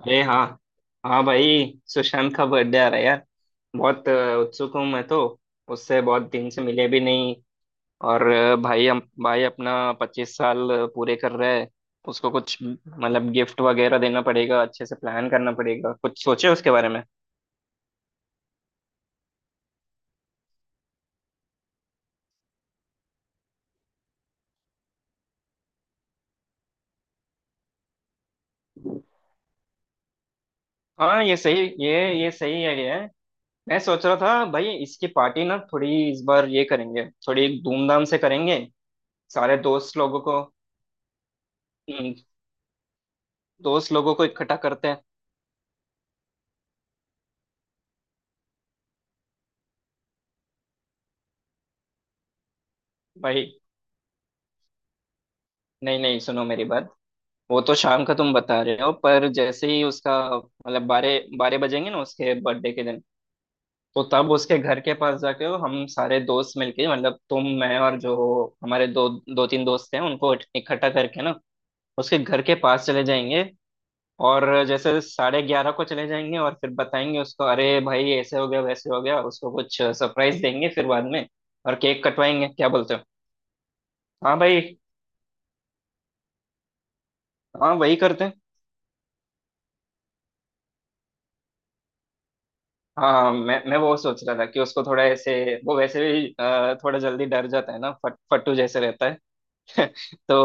अरे हाँ। हाँ भाई, सुशांत का बर्थडे आ रहा है यार। बहुत उत्सुक हूँ मैं तो। उससे बहुत दिन से मिले भी नहीं। और भाई हम भाई अपना 25 साल पूरे कर रहा है। उसको कुछ मतलब गिफ्ट वगैरह देना पड़ेगा, अच्छे से प्लान करना पड़ेगा, कुछ सोचे उसके बारे में। हाँ, ये सही आइडिया है। मैं सोच रहा था भाई, इसकी पार्टी ना थोड़ी इस बार ये करेंगे, थोड़ी धूमधाम से करेंगे। सारे दोस्त लोगों को। हम्म। दोस्त लोगों को इकट्ठा करते हैं। भाई, नहीं नहीं, सुनो मेरी बात। वो तो शाम का तुम बता रहे हो, पर जैसे ही उसका मतलब बारह बारह बजेंगे ना उसके बर्थडे के दिन, तो तब उसके घर के पास जाके हो, हम सारे दोस्त मिलके, मतलब तुम, मैं और जो हमारे दो दो तीन दोस्त हैं उनको इकट्ठा करके ना उसके घर के पास चले जाएंगे। और जैसे 11:30 को चले जाएंगे और फिर बताएंगे उसको अरे भाई ऐसे हो गया वैसे हो गया, उसको कुछ सरप्राइज देंगे फिर बाद में और केक कटवाएंगे, क्या बोलते हो? हाँ भाई। हाँ, वही करते हैं। हाँ, मैं वो सोच रहा था कि उसको थोड़ा ऐसे। वो वैसे भी थोड़ा जल्दी डर जाता है ना, फट फट्टू जैसे रहता है। तो।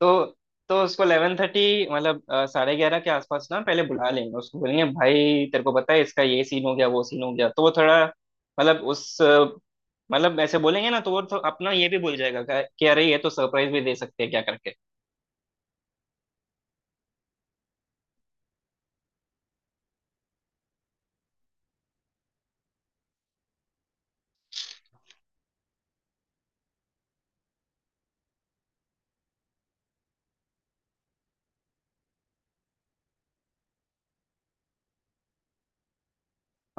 तो उसको 11:30, मतलब 11:30 के आसपास ना पहले बुला लेंगे। उसको बोलेंगे भाई तेरे को पता है इसका ये सीन हो गया वो सीन हो गया, तो वो थोड़ा मतलब मतलब ऐसे बोलेंगे ना तो वो तो अपना ये भी भूल जाएगा कि अरे ये तो सरप्राइज भी दे सकते हैं, क्या करके।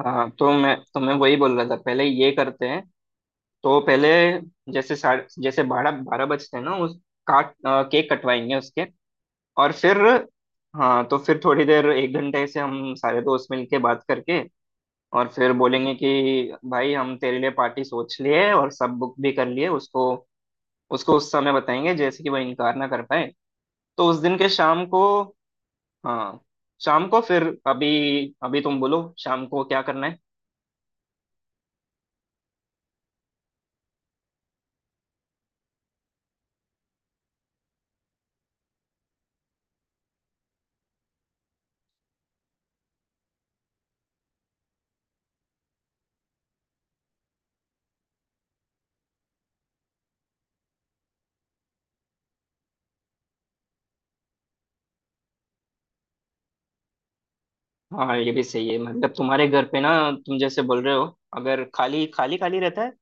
हाँ, तो मैं वही बोल रहा था, पहले ये करते हैं। तो पहले, जैसे बारह बारह बजते हैं ना उस, केक कटवाएंगे उसके। और फिर। हाँ, तो फिर थोड़ी देर 1 घंटे से हम सारे दोस्त मिलके बात करके और फिर बोलेंगे कि भाई हम तेरे लिए पार्टी सोच लिए और सब बुक भी कर लिए। उसको उसको उस समय बताएंगे जैसे कि वो इनकार ना कर पाए। तो उस दिन के शाम को। हाँ। शाम को फिर अभी, अभी तुम बोलो शाम को क्या करना है। हाँ, ये भी सही है, मतलब तुम्हारे घर पे ना, तुम जैसे बोल रहे हो, अगर खाली खाली खाली रहता है।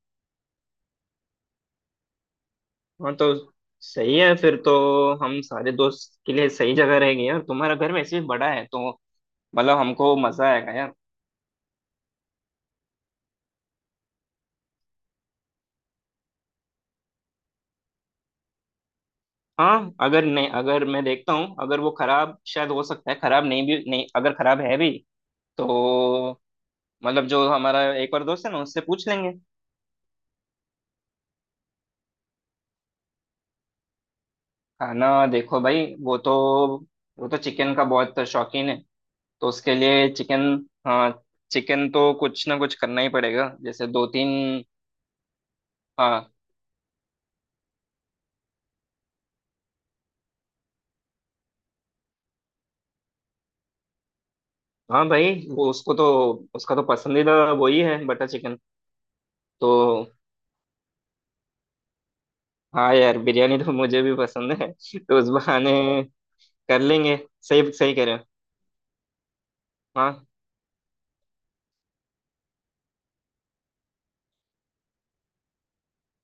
हाँ, तो सही है फिर तो। हम सारे दोस्त के लिए सही जगह रहेंगे यार, तुम्हारा घर वैसे भी बड़ा है, तो मतलब हमको मजा आएगा यार। हाँ, अगर नहीं, अगर मैं देखता हूँ, अगर वो खराब शायद हो सकता है, खराब नहीं, भी नहीं, अगर खराब है भी, तो मतलब जो हमारा एक और दोस्त है ना उससे पूछ लेंगे। खाना देखो भाई, वो तो चिकन का बहुत शौकीन है, तो उसके लिए चिकन। हाँ, चिकन तो कुछ ना कुछ करना ही पड़ेगा जैसे दो तीन। हाँ। हाँ भाई, वो उसको तो उसका तो पसंदीदा वही है, बटर चिकन। तो हाँ यार, बिरयानी तो मुझे भी पसंद है, तो उस बहाने कर लेंगे। सही सही कह रहे हो। हाँ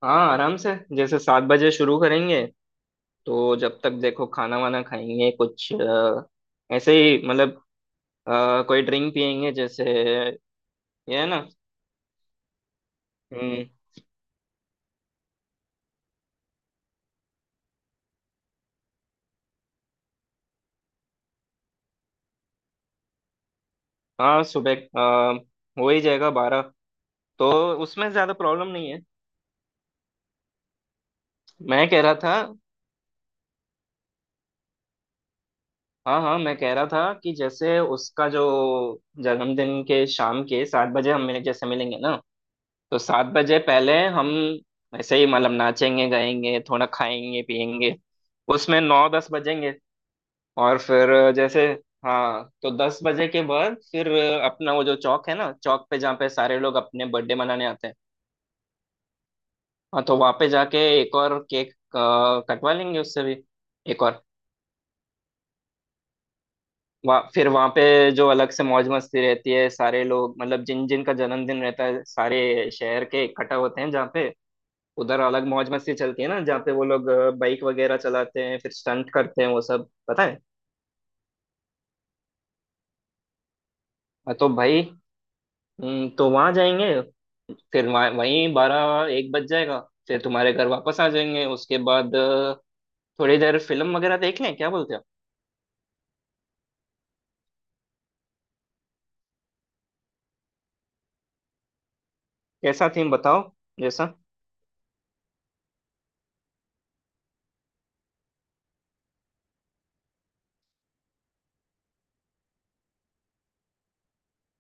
हाँ, आराम से जैसे 7 बजे शुरू करेंगे। तो जब तक देखो खाना वाना खाएंगे कुछ ऐसे ही, मतलब कोई ड्रिंक पियेंगे जैसे ये। है ना। हम्म। हाँ, सुबह हो ही जाएगा बारह, तो उसमें ज्यादा प्रॉब्लम नहीं है। मैं कह रहा था। हाँ हाँ, मैं कह रहा था कि जैसे उसका जो जन्मदिन के शाम के 7 बजे हम मिले, जैसे मिलेंगे ना, तो 7 बजे पहले हम ऐसे ही मतलब नाचेंगे गाएंगे थोड़ा खाएंगे पिएंगे, उसमें 9-10 बजेंगे। और फिर जैसे। हाँ, तो 10 बजे के बाद फिर अपना वो जो चौक है ना, चौक पे जहाँ पे सारे लोग अपने बर्थडे मनाने आते हैं। हाँ, तो वहाँ पे जाके एक और केक कटवा लेंगे उससे भी, एक और। वहाँ फिर वहाँ पे जो अलग से मौज मस्ती रहती है, सारे लोग मतलब जिन जिन का जन्मदिन रहता है सारे शहर के इकट्ठा होते हैं जहाँ पे, उधर अलग मौज मस्ती चलती है ना जहाँ पे वो लोग बाइक वगैरह चलाते हैं, फिर स्टंट करते हैं, वो सब पता है। हाँ, तो भाई। तो वहाँ जाएंगे, फिर वहाँ वहीं 12-1 बज जाएगा, फिर तुम्हारे घर वापस आ जाएंगे। उसके बाद थोड़ी देर फिल्म वगैरह देख लें, क्या बोलते हो? कैसा थीम बताओ, जैसा।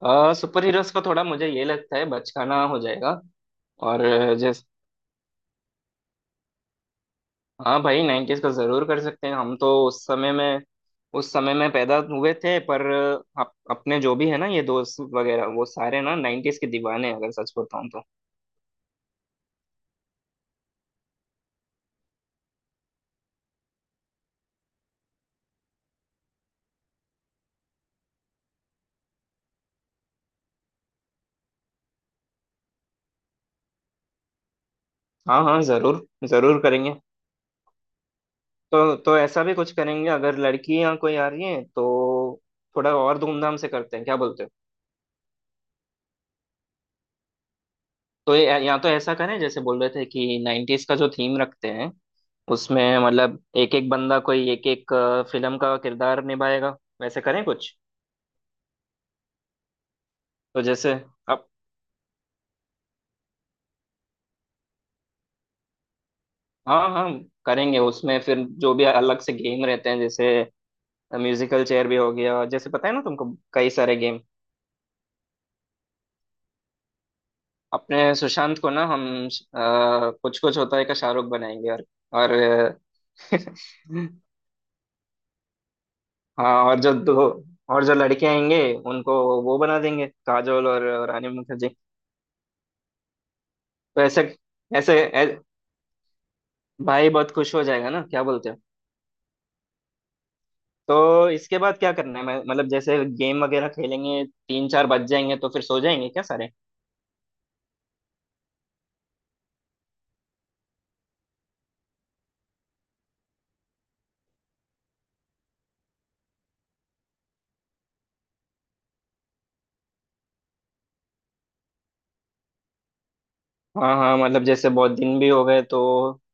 सुपर हीरोज का थोड़ा मुझे ये लगता है बचकाना हो जाएगा। और जैस हाँ भाई, नाइन्टीज का जरूर कर सकते हैं हम तो। उस समय में पैदा हुए थे, पर अपने जो भी है ना ये दोस्त वगैरह वो सारे ना नाइन्टीज के दीवाने हैं, अगर सच बताऊं तो। हाँ हाँ, जरूर जरूर करेंगे। तो ऐसा भी कुछ करेंगे, अगर लड़कियां कोई आ रही हैं तो थोड़ा और धूमधाम से करते हैं, क्या बोलते हो? तो या तो ऐसा करें जैसे बोल रहे थे कि नाइन्टीज का जो थीम रखते हैं उसमें मतलब एक एक बंदा कोई एक एक फिल्म का किरदार निभाएगा, वैसे करें कुछ। तो जैसे अब। हाँ हाँ, करेंगे उसमें फिर जो भी अलग से गेम रहते हैं जैसे म्यूजिकल चेयर भी हो गया, जैसे पता है ना तुमको, कई सारे गेम। अपने सुशांत को ना हम कुछ कुछ होता है का शाहरुख बनाएंगे और हाँ, और जो दो और जो लड़के आएंगे उनको वो बना देंगे काजोल और रानी मुखर्जी। तो ऐसे ऐसे ऐ- भाई बहुत खुश हो जाएगा ना, क्या बोलते हो? तो इसके बाद क्या करना है, मतलब जैसे गेम वगैरह खेलेंगे 3-4 बज जाएंगे, तो फिर सो जाएंगे क्या सारे? हाँ हाँ, मतलब जैसे बहुत दिन भी हो गए, तो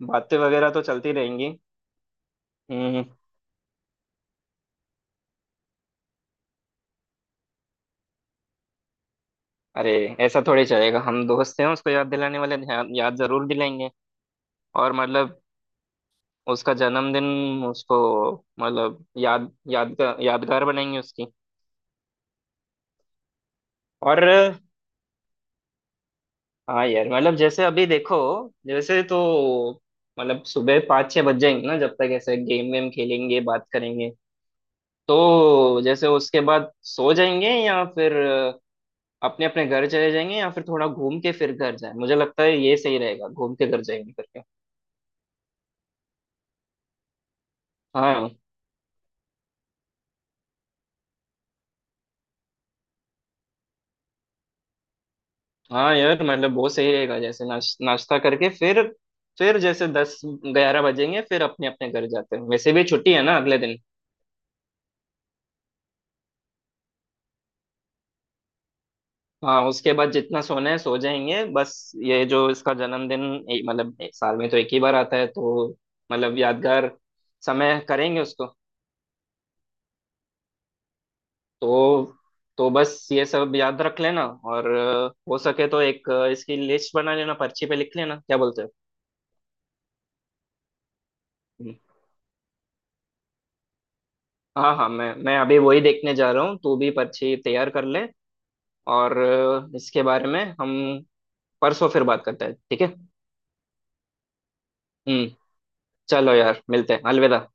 बातें वगैरह तो चलती रहेंगी। हम्म। अरे, ऐसा थोड़ी चलेगा, हम दोस्त हैं उसको याद दिलाने वाले, याद जरूर दिलाएंगे। और मतलब उसका जन्मदिन उसको मतलब याद याद यादगार बनाएंगे उसकी। और हाँ यार, मतलब जैसे अभी देखो जैसे तो, मतलब सुबह 5-6 बज जाएंगे ना जब तक ऐसे गेम वेम खेलेंगे, बात करेंगे, तो जैसे उसके बाद सो जाएंगे या फिर अपने अपने घर चले जाएंगे, या फिर थोड़ा घूम के फिर घर जाए, मुझे लगता है ये सही रहेगा, घूम के घर जाएंगे करके। हाँ हाँ यार, मतलब बहुत सही रहेगा जैसे नाश्ता करके फिर जैसे 10-11 बजेंगे फिर अपने अपने घर जाते हैं, वैसे भी छुट्टी है ना अगले दिन। हाँ, उसके बाद जितना सोना है सो जाएंगे, बस ये जो इसका जन्मदिन, मतलब साल में तो एक ही बार आता है, तो मतलब यादगार समय करेंगे उसको। तो तो बस ये सब याद रख लेना और हो सके तो एक इसकी लिस्ट बना लेना, पर्ची पे लिख लेना, क्या बोलते हो? हम्म। हाँ हाँ, मैं अभी वही देखने जा रहा हूँ, तू भी पर्ची तैयार कर ले, और इसके बारे में हम परसों फिर बात करते हैं, ठीक है। हम्म। चलो यार, मिलते हैं, अलविदा।